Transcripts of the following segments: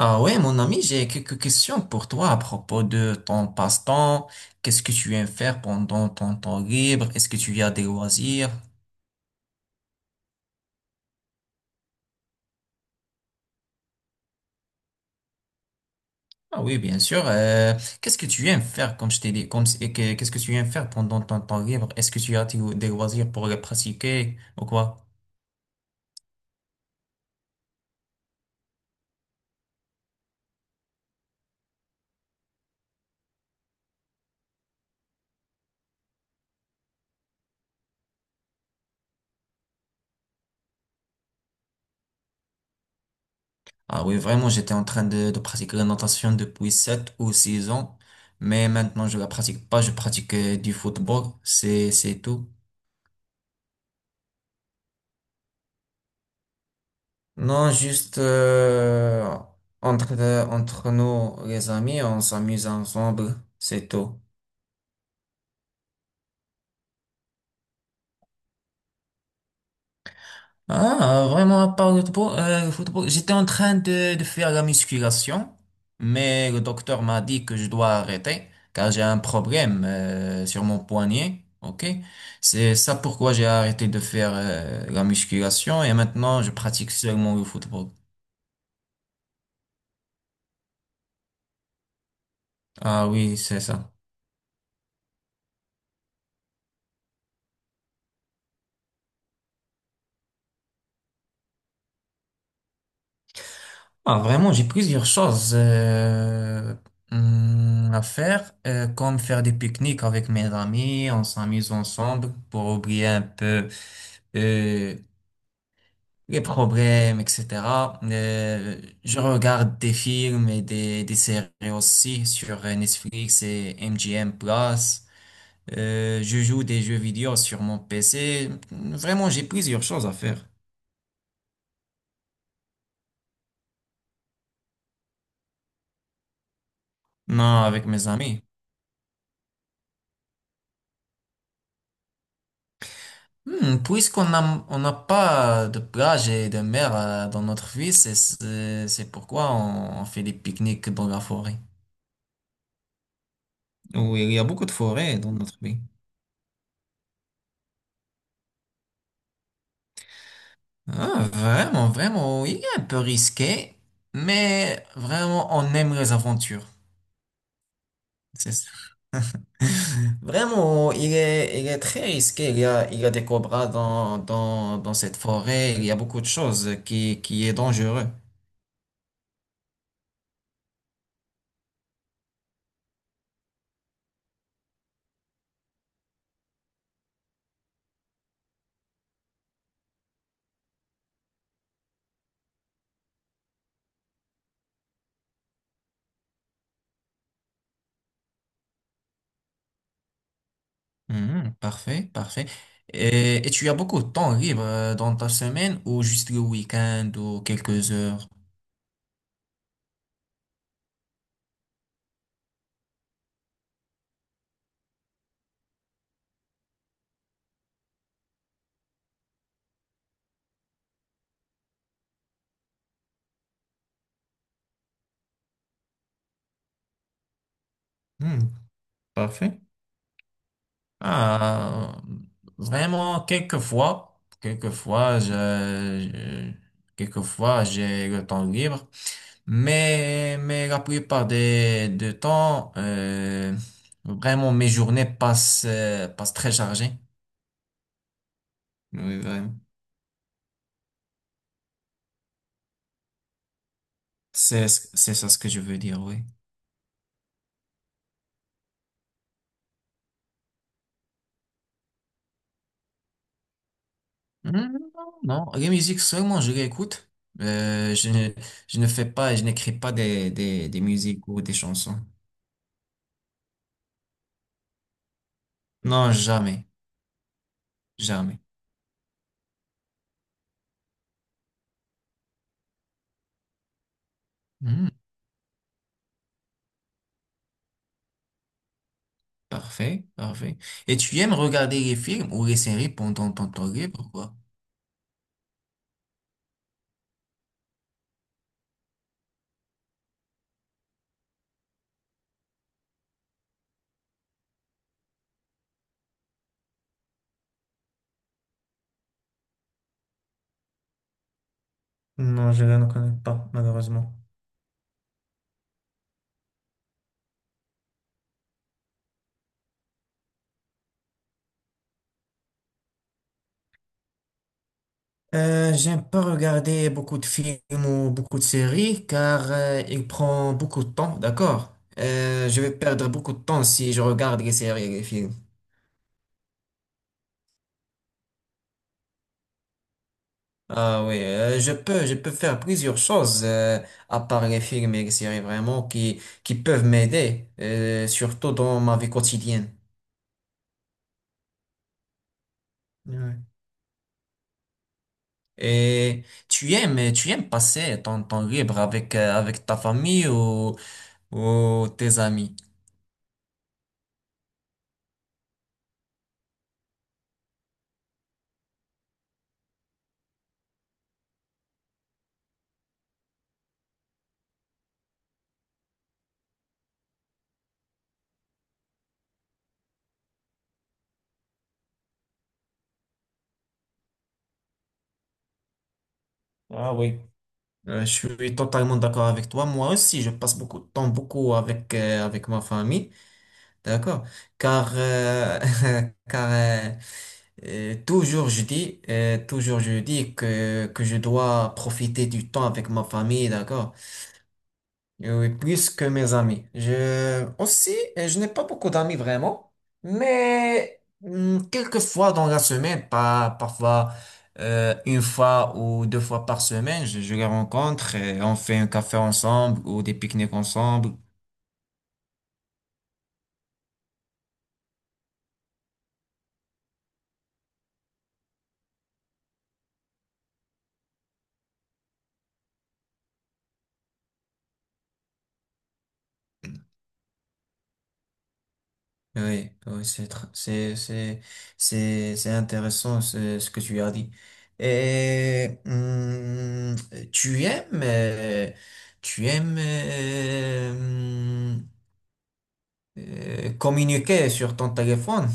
Ah ouais, mon ami, j'ai quelques questions pour toi à propos de ton passe-temps. Qu'est-ce que tu aimes faire pendant ton temps libre? Est-ce que tu as des loisirs? Ah oui, bien sûr. Qu'est-ce que tu aimes faire, comme je t'ai dit, comme, qu'est-ce que tu aimes faire pendant ton temps libre? Est-ce que tu as des loisirs pour les pratiquer ou quoi? Ah oui, vraiment, j'étais en train de pratiquer la natation depuis 7 ou 6 ans, mais maintenant je la pratique pas, je pratique du football, c'est tout. Non, juste, entre, entre nous, les amis, on s'amuse ensemble, c'est tout. Ah, vraiment, à part le football, j'étais en train de faire la musculation, mais le docteur m'a dit que je dois arrêter car j'ai un problème sur mon poignet. Ok, c'est ça pourquoi j'ai arrêté de faire la musculation et maintenant je pratique seulement le football. Ah oui, c'est ça. Ah, vraiment, j'ai plusieurs choses à faire, comme faire des pique-niques avec mes amis, on s'amuse ensemble pour oublier un peu euh, les problèmes, etc. Je regarde des films et des séries aussi sur Netflix et MGM Plus. Je joue des jeux vidéo sur mon PC. Vraiment, j'ai plusieurs choses à faire. Non, avec mes amis. Hmm, puisqu'on n'a pas de plage et de mer dans notre ville, c'est pourquoi on fait des pique-niques dans la forêt. Oui, il y a beaucoup de forêts dans notre pays. Ah, vraiment, oui, un peu risqué, mais vraiment, on aime les aventures. C'est ça. Vraiment, il est très risqué. Il y a des cobras dans cette forêt. Il y a beaucoup de choses qui est dangereux. Mhm, parfait, parfait. Et tu as beaucoup de temps libre dans ta semaine ou juste le week-end ou quelques heures? Hmm, parfait. Ah, vraiment, quelquefois, j'ai le temps libre, mais la plupart de temps, vraiment, mes journées passent, passent très chargées. Oui, vraiment. C'est ça ce que je veux dire, oui. Hmm, non, non, les musiques seulement je réécoute. Euh, je ne fais pas, je n'écris pas des musiques ou des chansons. Non, jamais, jamais. Hmm, parfait, parfait. Et tu aimes regarder les films ou les séries pendant ton temps libre, pourquoi? Non, je ne connais pas, malheureusement. J'aime pas regarder beaucoup de films ou beaucoup de séries car il prend beaucoup de temps, d'accord? Je vais perdre beaucoup de temps si je regarde les séries et les films. Ah oui, euh, je peux faire plusieurs choses à part les films et les séries vraiment qui peuvent m'aider, surtout dans ma vie quotidienne. Ouais. Et tu aimes passer ton temps libre avec, avec ta famille ou tes amis? Ah oui. Je suis totalement d'accord avec toi. Moi aussi, je passe beaucoup de temps, beaucoup avec, avec ma famille. D'accord? Car, car toujours je dis que je dois profiter du temps avec ma famille, d'accord? Oui, plus que mes amis. Aussi, je n'ai pas beaucoup d'amis vraiment, mais quelques fois dans la semaine, pas, parfois une fois ou deux fois par semaine, je les rencontre et on fait un café ensemble ou des pique-niques ensemble. Oui, oui, c'est tr- c'est intéressant ce que tu as dit. Et tu aimes euh, tu aimes communiquer sur ton téléphone?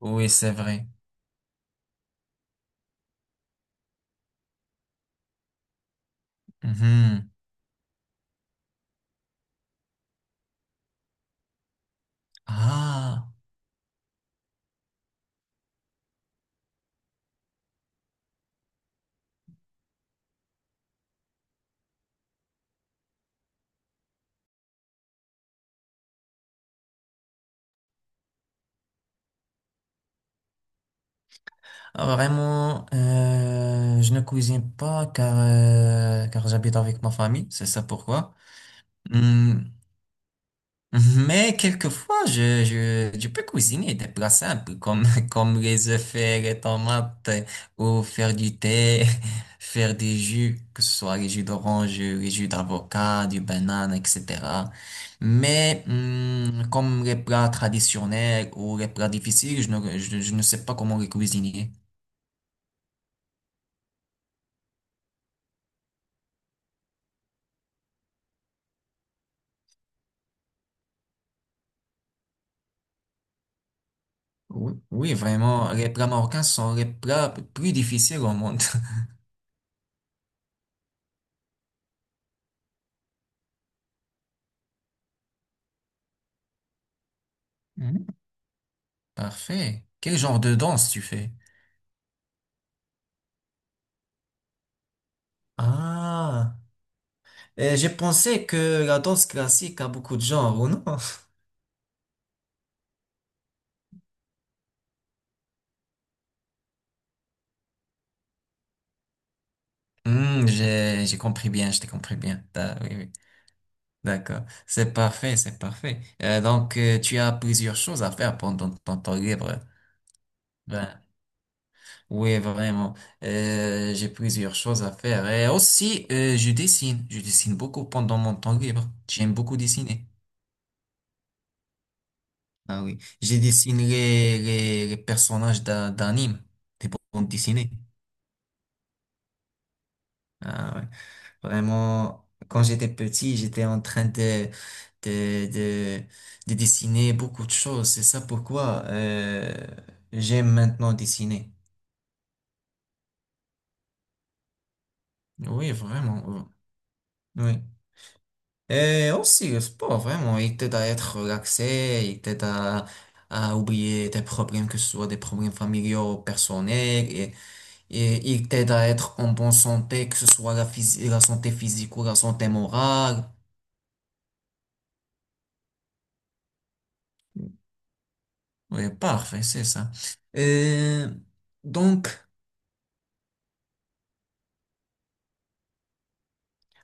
Oui, c'est vrai. Mhm. Ah, ah, vraiment, je ne cuisine pas car car j'habite avec ma famille, c'est ça pourquoi. Hum, Mais quelquefois, je peux cuisiner des plats simples comme, comme les œufs faire les tomates ou faire du thé, faire des jus, que ce soit les jus d'orange, les jus d'avocat, du banane, etc. Mais comme les plats traditionnels ou les plats difficiles, je ne sais pas comment les cuisiner. Oui, oui, vraiment, les plats marocains sont les plats plus difficiles au monde. Mhm. Parfait. Quel genre de danse tu fais? Ah. Et j'ai pensé que la danse classique a beaucoup de genres, ou non? Hmm, j'ai compris bien, je t'ai compris bien. Ah, oui, oui. D'accord. C'est parfait, c'est parfait. Donc, tu as plusieurs choses à faire pendant ton temps libre. Ben, oui, vraiment. J'ai plusieurs choses à faire. Et aussi, je dessine. Je dessine beaucoup pendant mon temps libre. J'aime beaucoup dessiner. Ah oui. J'ai dessiné les personnages d'anime, des bandes dessinées. Ah ouais. Vraiment, quand j'étais petit, j'étais en train de, de, de dessiner beaucoup de choses. C'est ça pourquoi j'aime maintenant dessiner. Oui, vraiment. Oui. Et aussi, le sport, vraiment, il t'aide à être relaxé, il t'aide à oublier tes problèmes, que ce soit des problèmes familiaux, personnels, et il t'aide à être en bonne santé, que ce soit la santé physique ou la santé morale. Oui, parfait, c'est ça. Euh, donc,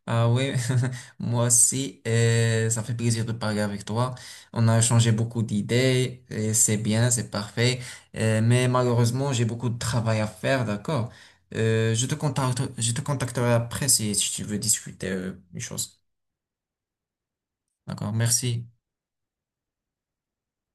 ah oui, moi aussi, ça fait plaisir de parler avec toi. On a échangé beaucoup d'idées, et c'est bien, c'est parfait. Mais malheureusement, j'ai beaucoup de travail à faire, d'accord? Euh, je te contacterai après si, si tu veux discuter des choses. D'accord, merci.